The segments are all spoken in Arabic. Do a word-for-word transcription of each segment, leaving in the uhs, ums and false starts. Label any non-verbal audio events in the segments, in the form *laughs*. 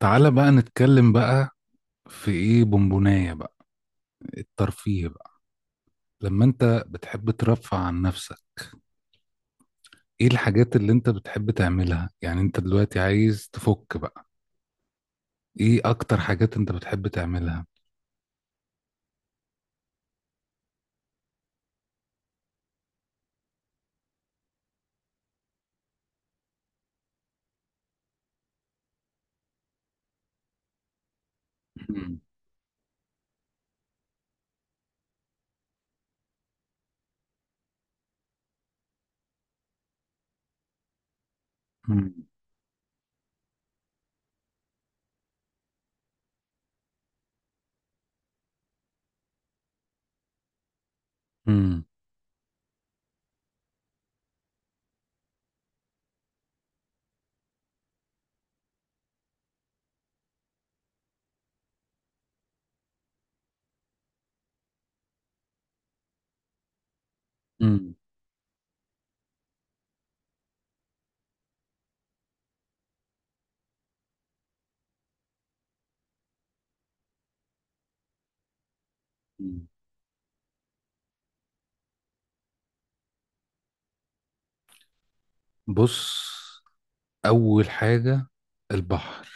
تعالى بقى نتكلم بقى، في ايه بونبوناية بقى، الترفيه بقى لما انت بتحب ترفع عن نفسك. ايه الحاجات اللي انت بتحب تعملها؟ يعني انت دلوقتي عايز تفك بقى، ايه اكتر حاجات انت بتحب تعملها؟ مم. مم. مم. مم. مم. بص، اول حاجة البحر.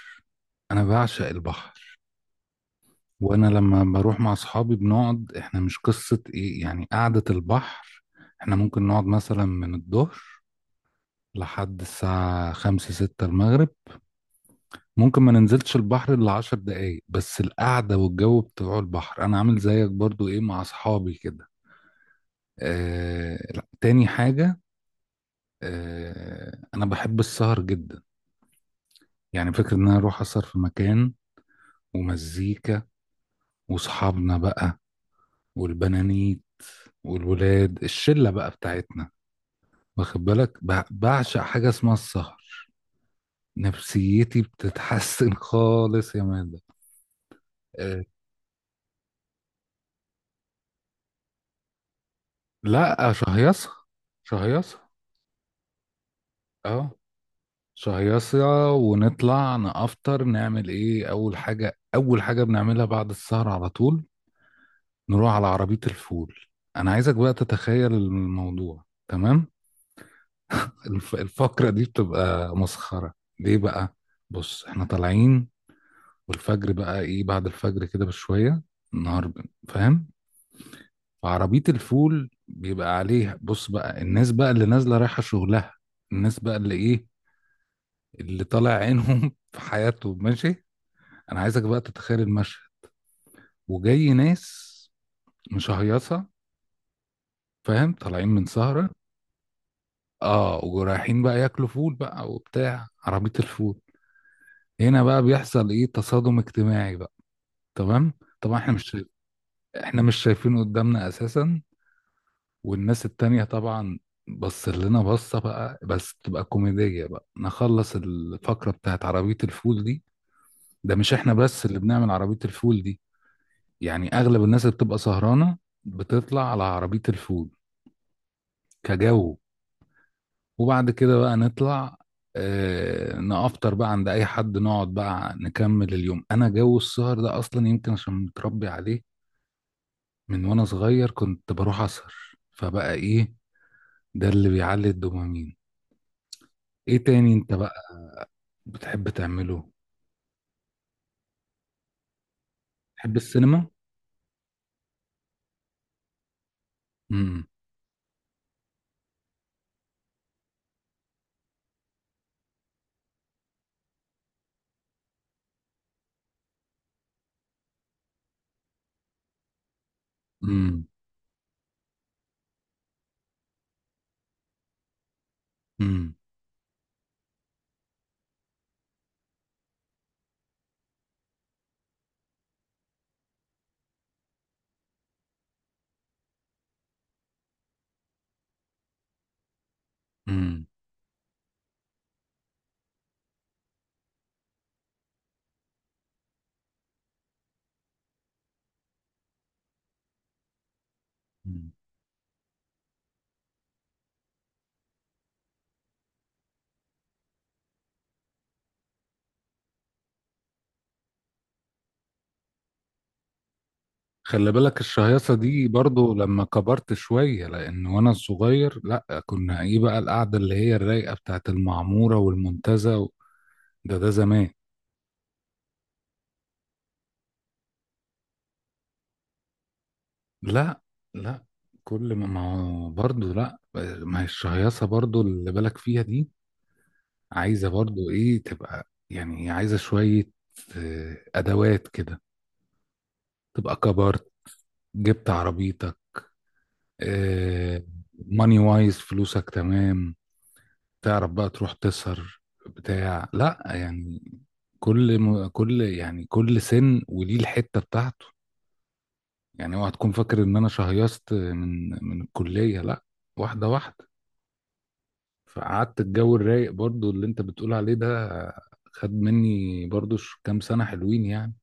انا بعشق البحر. وانا لما بروح مع اصحابي بنقعد، احنا مش قصة ايه يعني قعدة البحر. احنا ممكن نقعد مثلا من الظهر لحد الساعة خمسة ستة المغرب، ممكن ما ننزلش البحر إلا عشر دقايق، بس القعدة والجو بتوع البحر. أنا عامل زيك برضو إيه مع أصحابي كده. آه لا. تاني حاجة، آه أنا بحب السهر جدا. يعني فكرة إن أنا أروح أسهر في مكان، ومزيكا، وأصحابنا بقى، والبنانيت، والولاد، الشلة بقى بتاعتنا. واخد بالك، ب- بعشق حاجة اسمها السهر. نفسيتي بتتحسن *laughs* خالص يا مادة. آه، لا شهيصة. شهيصة. اه شهيصة، ونطلع نفطر نعمل ايه؟ اول حاجة اول حاجة بنعملها بعد السهر على طول، نروح على عربية الفول. انا عايزك بقى تتخيل الموضوع تمام. الف- الفقرة دي بتبقى مسخرة. ليه بقى؟ بص احنا طالعين، والفجر بقى، ايه بعد الفجر كده بشوية، النهار ب- فاهم. فعربية الفول بيبقى عليها، بص بقى الناس بقى اللي نازلة رايحة شغلها، الناس بقى اللي ايه، اللي طالع عينهم *laughs* في حياته، ماشي. انا عايزك بقى تتخيل المشهد، وجاي ناس مشهيصه، فاهم، طالعين من سهره. اه، ورايحين بقى ياكلوا فول بقى وبتاع عربيه الفول. هنا بقى بيحصل ايه، تصادم اجتماعي بقى، تمام. طبعا احنا مش شايف... احنا مش شايفين قدامنا اساسا، والناس التانية طبعا بص لنا بصة بقى، بس تبقى كوميدية بقى، نخلص الفقرة بتاعت عربية الفول دي. ده مش احنا بس اللي بنعمل عربية الفول دي، يعني اغلب الناس اللي بتبقى سهرانه بتطلع على عربيه الفول كجو. وبعد كده بقى نطلع، آه نافطر بقى عند اي حد، نقعد بقى نكمل اليوم. انا جو السهر ده اصلا يمكن عشان متربي عليه، من وانا صغير كنت بروح اسهر. فبقى ايه، ده اللي بيعلي الدوبامين. ايه تاني انت بقى بتحب تعمله؟ تحب السينما؟ امم. امم. امم. خلي بالك الشهيصة دي برضو لما كبرت شوية، لأن وأنا صغير، لأ كنا إيه بقى، القعدة اللي هي الرايقة بتاعت المعمورة والمنتزه و- ده ده زمان. لأ. لأ. كل ما ما هو برضو، لأ. ما هي الشهيصة برضو اللي بالك فيها دي، عايزة برضو إيه تبقى؟ يعني عايزة شوية آه، أدوات كده، تبقى كبرت، جبت عربيتك، آه، ماني وايز فلوسك تمام، تعرف بقى تروح تسهر بتاع لا يعني. كل م... كل يعني كل سن وليه الحتة بتاعته. يعني اوعى تكون فاكر ان انا شهيصت من من الكلية، لا. واحدة واحدة. فقعدت الجو الرايق برضو اللي انت بتقول عليه ده، خد مني برضو ش- كام سنة حلوين يعني.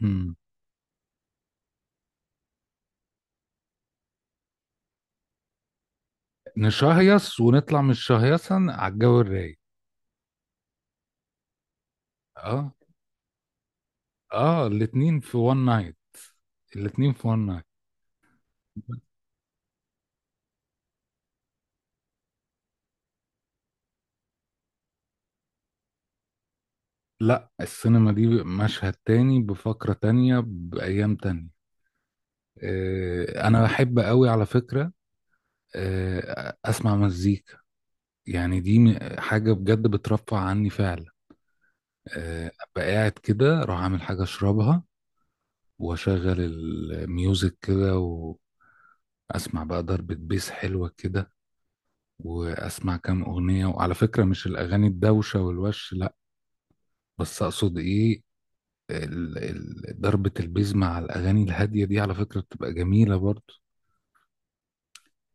مم. نشهيص ونطلع من الشهيصة على الجو الرايق. اه. اه الاتنين في وان نايت، الاتنين في وان نايت. لا، السينما دي مشهد تاني بفقرة تانية بأيام تانية. آه، أنا بحب قوي على فكرة. آه، أسمع مزيكا. يعني دي م- حاجة بجد بترفع عني فعلا. آه، أبقى قاعد كده أروح أعمل حاجة أشربها، وأشغل الميوزك كده، وأسمع بقى ضربة بيس حلوة كده، وأسمع كام أغنية. وعلى فكرة مش الأغاني الدوشة والوش، لا، بس أقصد إيه، ال- ال- ضربة البيز مع الأغاني الهادية دي، على فكرة بتبقى جميلة برضو.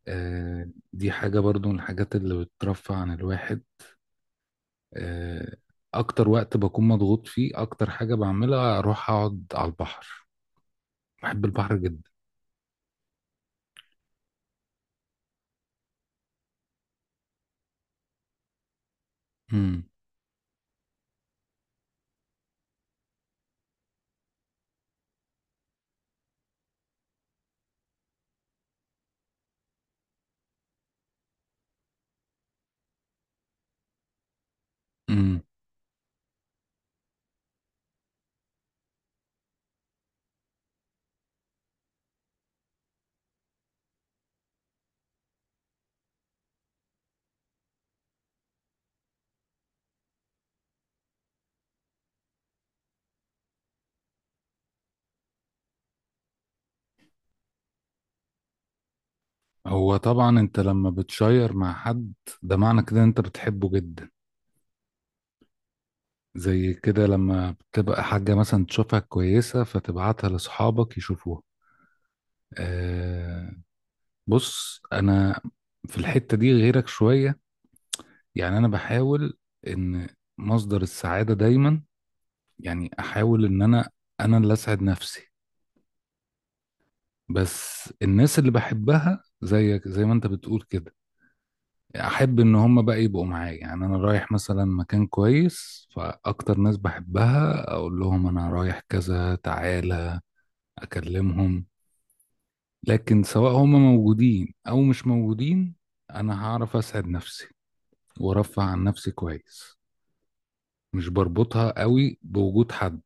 آه، دي حاجة برضو من الحاجات اللي بترفع عن الواحد. آه، أكتر وقت بكون مضغوط فيه، أكتر حاجة بعملها أروح أقعد على البحر. بحب البحر جدا. مم. مم. هو طبعا أنت لما بتشير مع حد، ده معنى كده إن أنت بتحبه جدا. زي كده، لما بتبقى حاجة مثلا تشوفها كويسة فتبعتها لأصحابك يشوفوها. آه، بص انا في الحتة دي غيرك شوية. يعني انا بحاول ان مصدر السعادة دايما، يعني احاول ان انا انا اللي اسعد نفسي. بس الناس اللي بحبها زيك، زي ما انت بتقول كده، احب ان هم بقى يبقوا معايا، يعني انا رايح مثلا مكان كويس، فاكتر ناس بحبها اقول لهم انا رايح كذا تعالى، اكلمهم. لكن سواء هم موجودين او مش موجودين، انا هعرف اسعد نفسي وارفع عن نفسي كويس، مش بربطها قوي بوجود حد.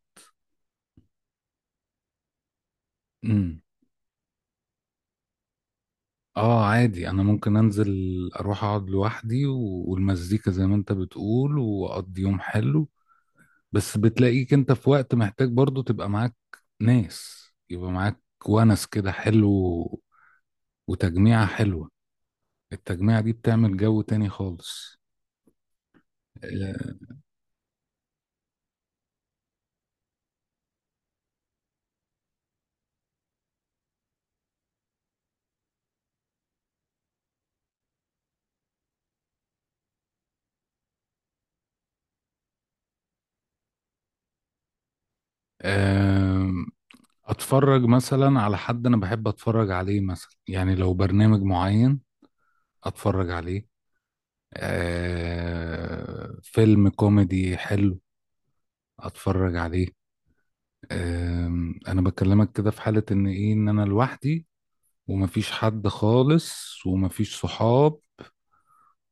امم. اه عادي، انا ممكن انزل اروح اقعد لوحدي و- والمزيكا زي ما انت بتقول، واقضي يوم حلو. بس بتلاقيك انت في وقت محتاج برضو تبقى معاك ناس، يبقى معاك ونس كده حلو، وتجميعة حلوة. التجميعة دي بتعمل جو تاني خالص. آه، آم، اتفرج مثلا على حد انا بحب اتفرج عليه، مثلا يعني لو برنامج معين اتفرج عليه، آه، فيلم كوميدي حلو اتفرج عليه. آم، انا بكلمك كده في حالة ان ايه، ان انا لوحدي، ومفيش حد خالص، ومفيش صحاب،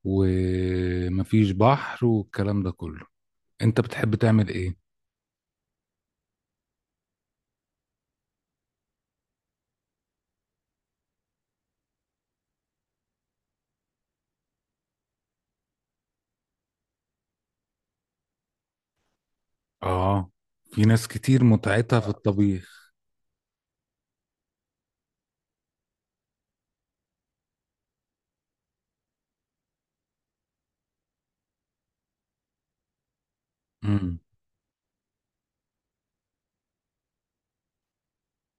ومفيش بحر والكلام ده كله. انت بتحب تعمل ايه؟ اه، في ناس كتير متعتها في الطبيخ. امم.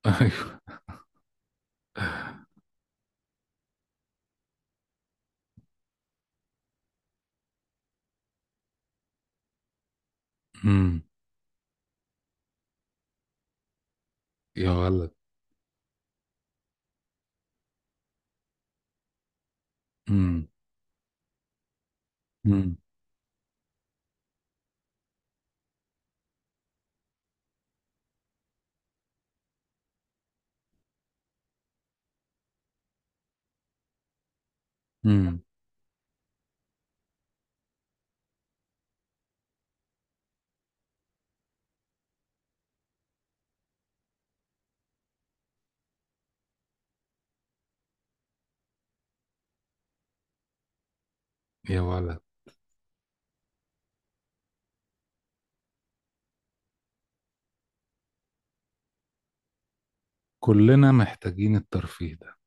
*laughs* ايوه. امم. يا ولد. امم. امم. امم. يا ولد. كلنا محتاجين الترفيه ده.